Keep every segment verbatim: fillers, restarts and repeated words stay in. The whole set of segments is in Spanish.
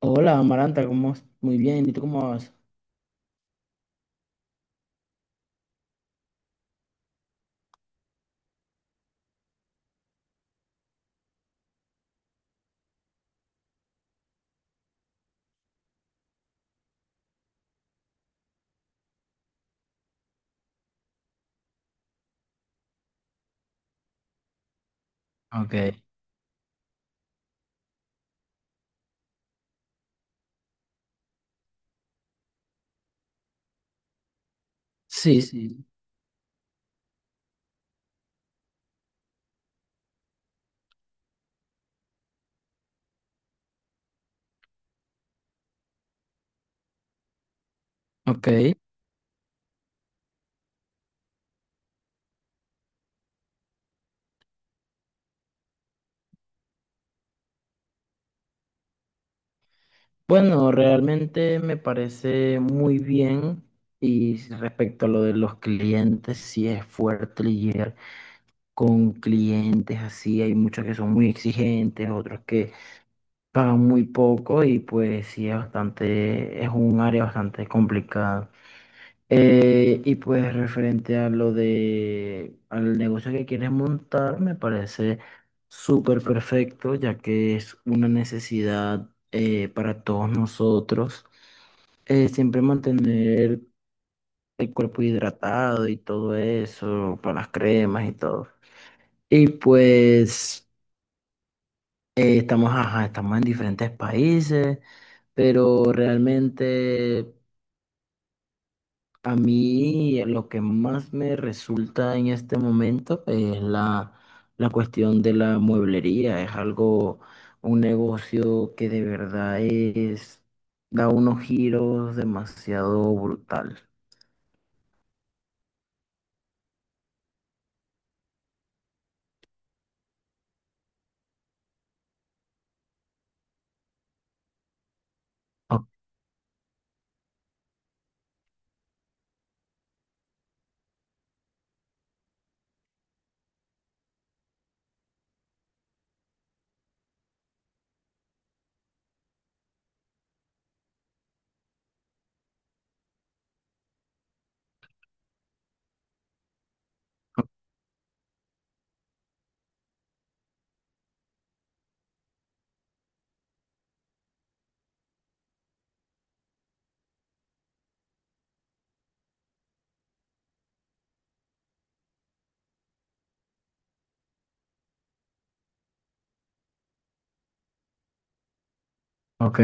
Hola, Amaranta, ¿cómo vas? Muy bien, ¿y tú cómo vas? Ok, sí, sí, ok. Bueno, realmente me parece muy bien y respecto a lo de los clientes, sí es fuerte lidiar con clientes así, hay muchos que son muy exigentes, otros que pagan muy poco y pues sí es bastante, es un área bastante complicada. Eh, y pues referente a lo de al negocio que quieres montar, me parece súper perfecto, ya que es una necesidad eh, para todos nosotros. Eh, siempre mantener el cuerpo hidratado y todo eso, para las cremas y todo. Y pues eh, estamos, ajá, estamos en diferentes países, pero realmente a mí, eh, lo que más me resulta en este momento es la, la cuestión de la mueblería. Es algo, un negocio que de verdad es, da unos giros demasiado brutal. O- Ok.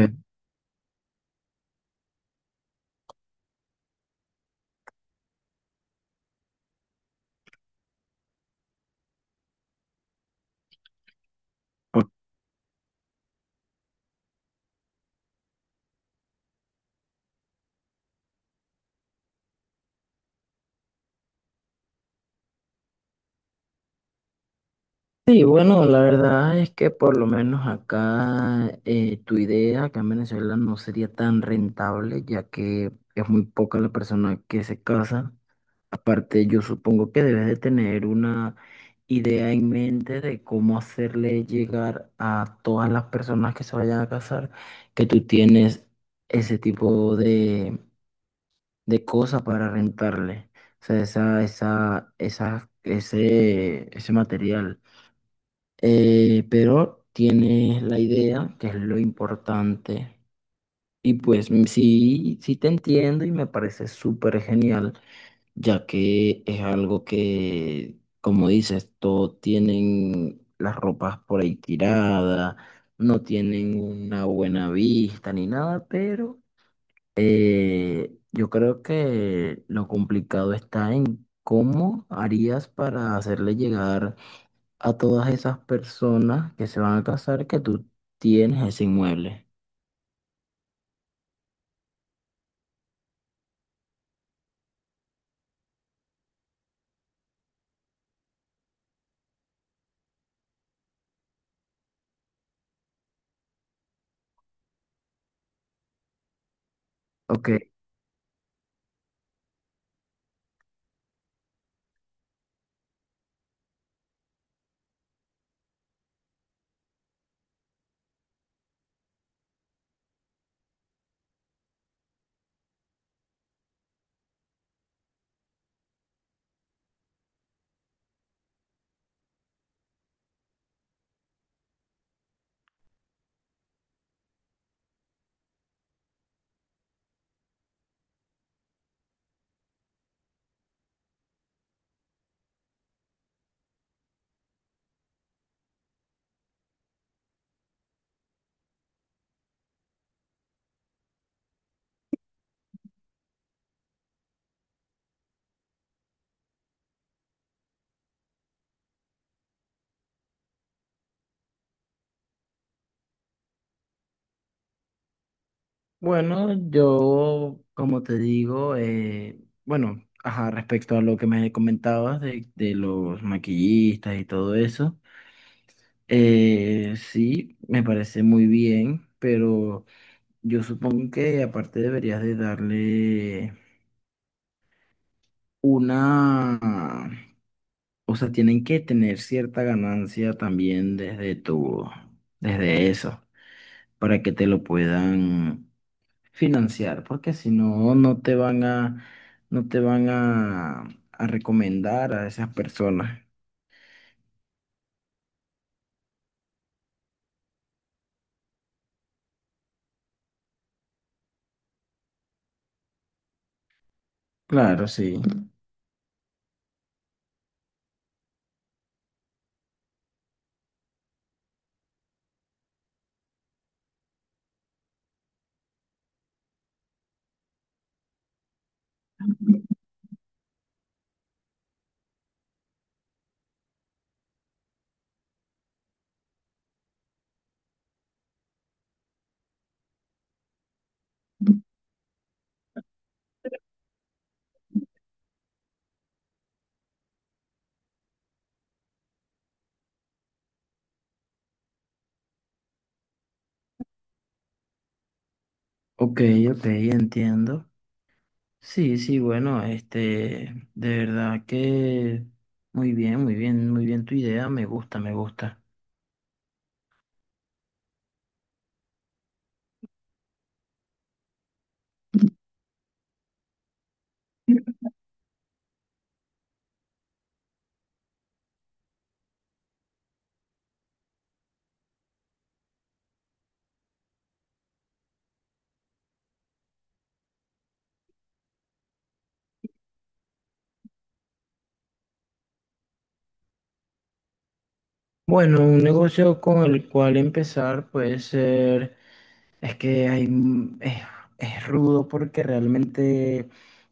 Sí, bueno, la verdad es que por lo menos acá, eh, tu idea acá en Venezuela no sería tan rentable, ya que es muy poca la persona que se casa. Aparte, yo supongo que debes de tener una idea en mente de cómo hacerle llegar a todas las personas que se vayan a casar que tú tienes ese tipo de, de cosas para rentarle. O sea, esa, esa, esa, ese, ese material. Eh, pero tienes la idea, que es lo importante. Y pues m- sí, sí te entiendo y me parece súper genial ya que es algo que, como dices, todos tienen las ropas por ahí tiradas, no tienen una buena vista ni nada, pero eh, yo creo que lo complicado está en cómo harías para hacerle llegar a todas esas personas que se van a casar que tú tienes ese inmueble. Ok, bueno, yo, como te digo, eh, bueno, ajá, respecto a lo que me comentabas de, de los maquillistas y todo eso, eh, sí, me parece muy bien, pero yo supongo que aparte deberías de darle una, o sea, tienen que tener cierta ganancia también desde tu, desde eso, para que te lo puedan financiar, porque si no, no te van a, no te van a, a recomendar a esas personas. Claro, sí. Ok, ok, entiendo. Sí, sí, bueno, este, de verdad que muy bien, muy bien, muy bien tu idea, me gusta, me gusta. Bueno, un negocio con el cual empezar puede ser, es que hay, m- es, es rudo porque realmente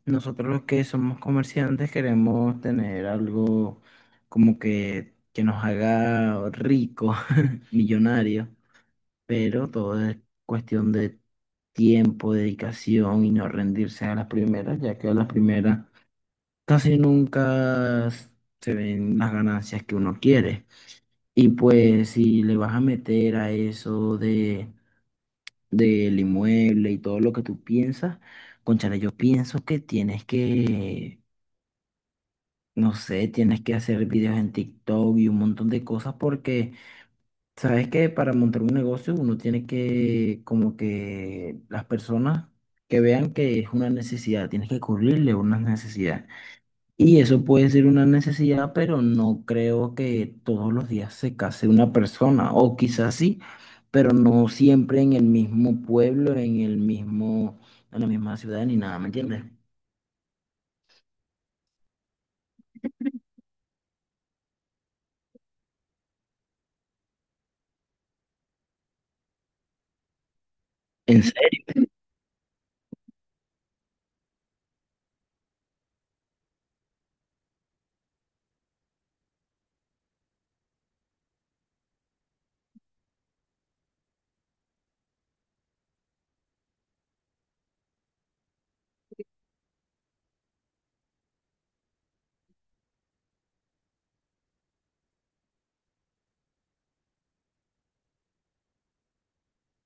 nosotros los que somos comerciantes queremos tener algo como que, que nos haga rico millonario, pero todo es cuestión de tiempo, dedicación y no rendirse a las primeras, ya que a las primeras casi nunca s- se ven las ganancias que uno quiere. Y pues si le vas a meter a eso de del inmueble y todo lo que tú piensas, cónchale, yo pienso que tienes que, no sé, tienes que hacer videos en TikTok y un montón de cosas porque sabes que para montar un negocio uno tiene que como que las personas que vean que es una necesidad, tienes que cubrirle una necesidad. Y eso puede ser una necesidad, pero no creo que todos los días se case una persona, o quizás sí, pero no siempre en el mismo pueblo, en el mismo, en la misma ciudad ni nada, ¿me entiendes? ¿En serio?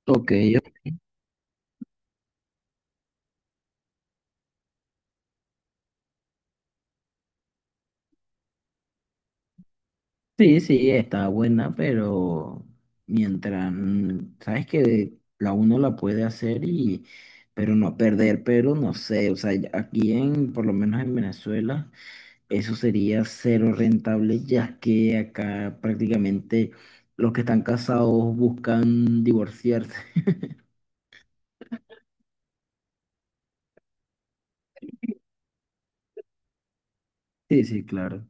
Ok, ok. Sí, sí, está buena, pero mientras, mm, sabes que la uno la puede hacer y, pero no perder, pero no sé, o sea, aquí en, por lo menos en Venezuela. Eso sería cero rentable, ya que acá prácticamente los que están casados buscan divorciarse. Sí, sí, claro.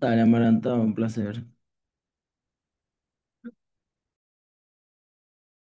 Dale, Amaranta, un placer.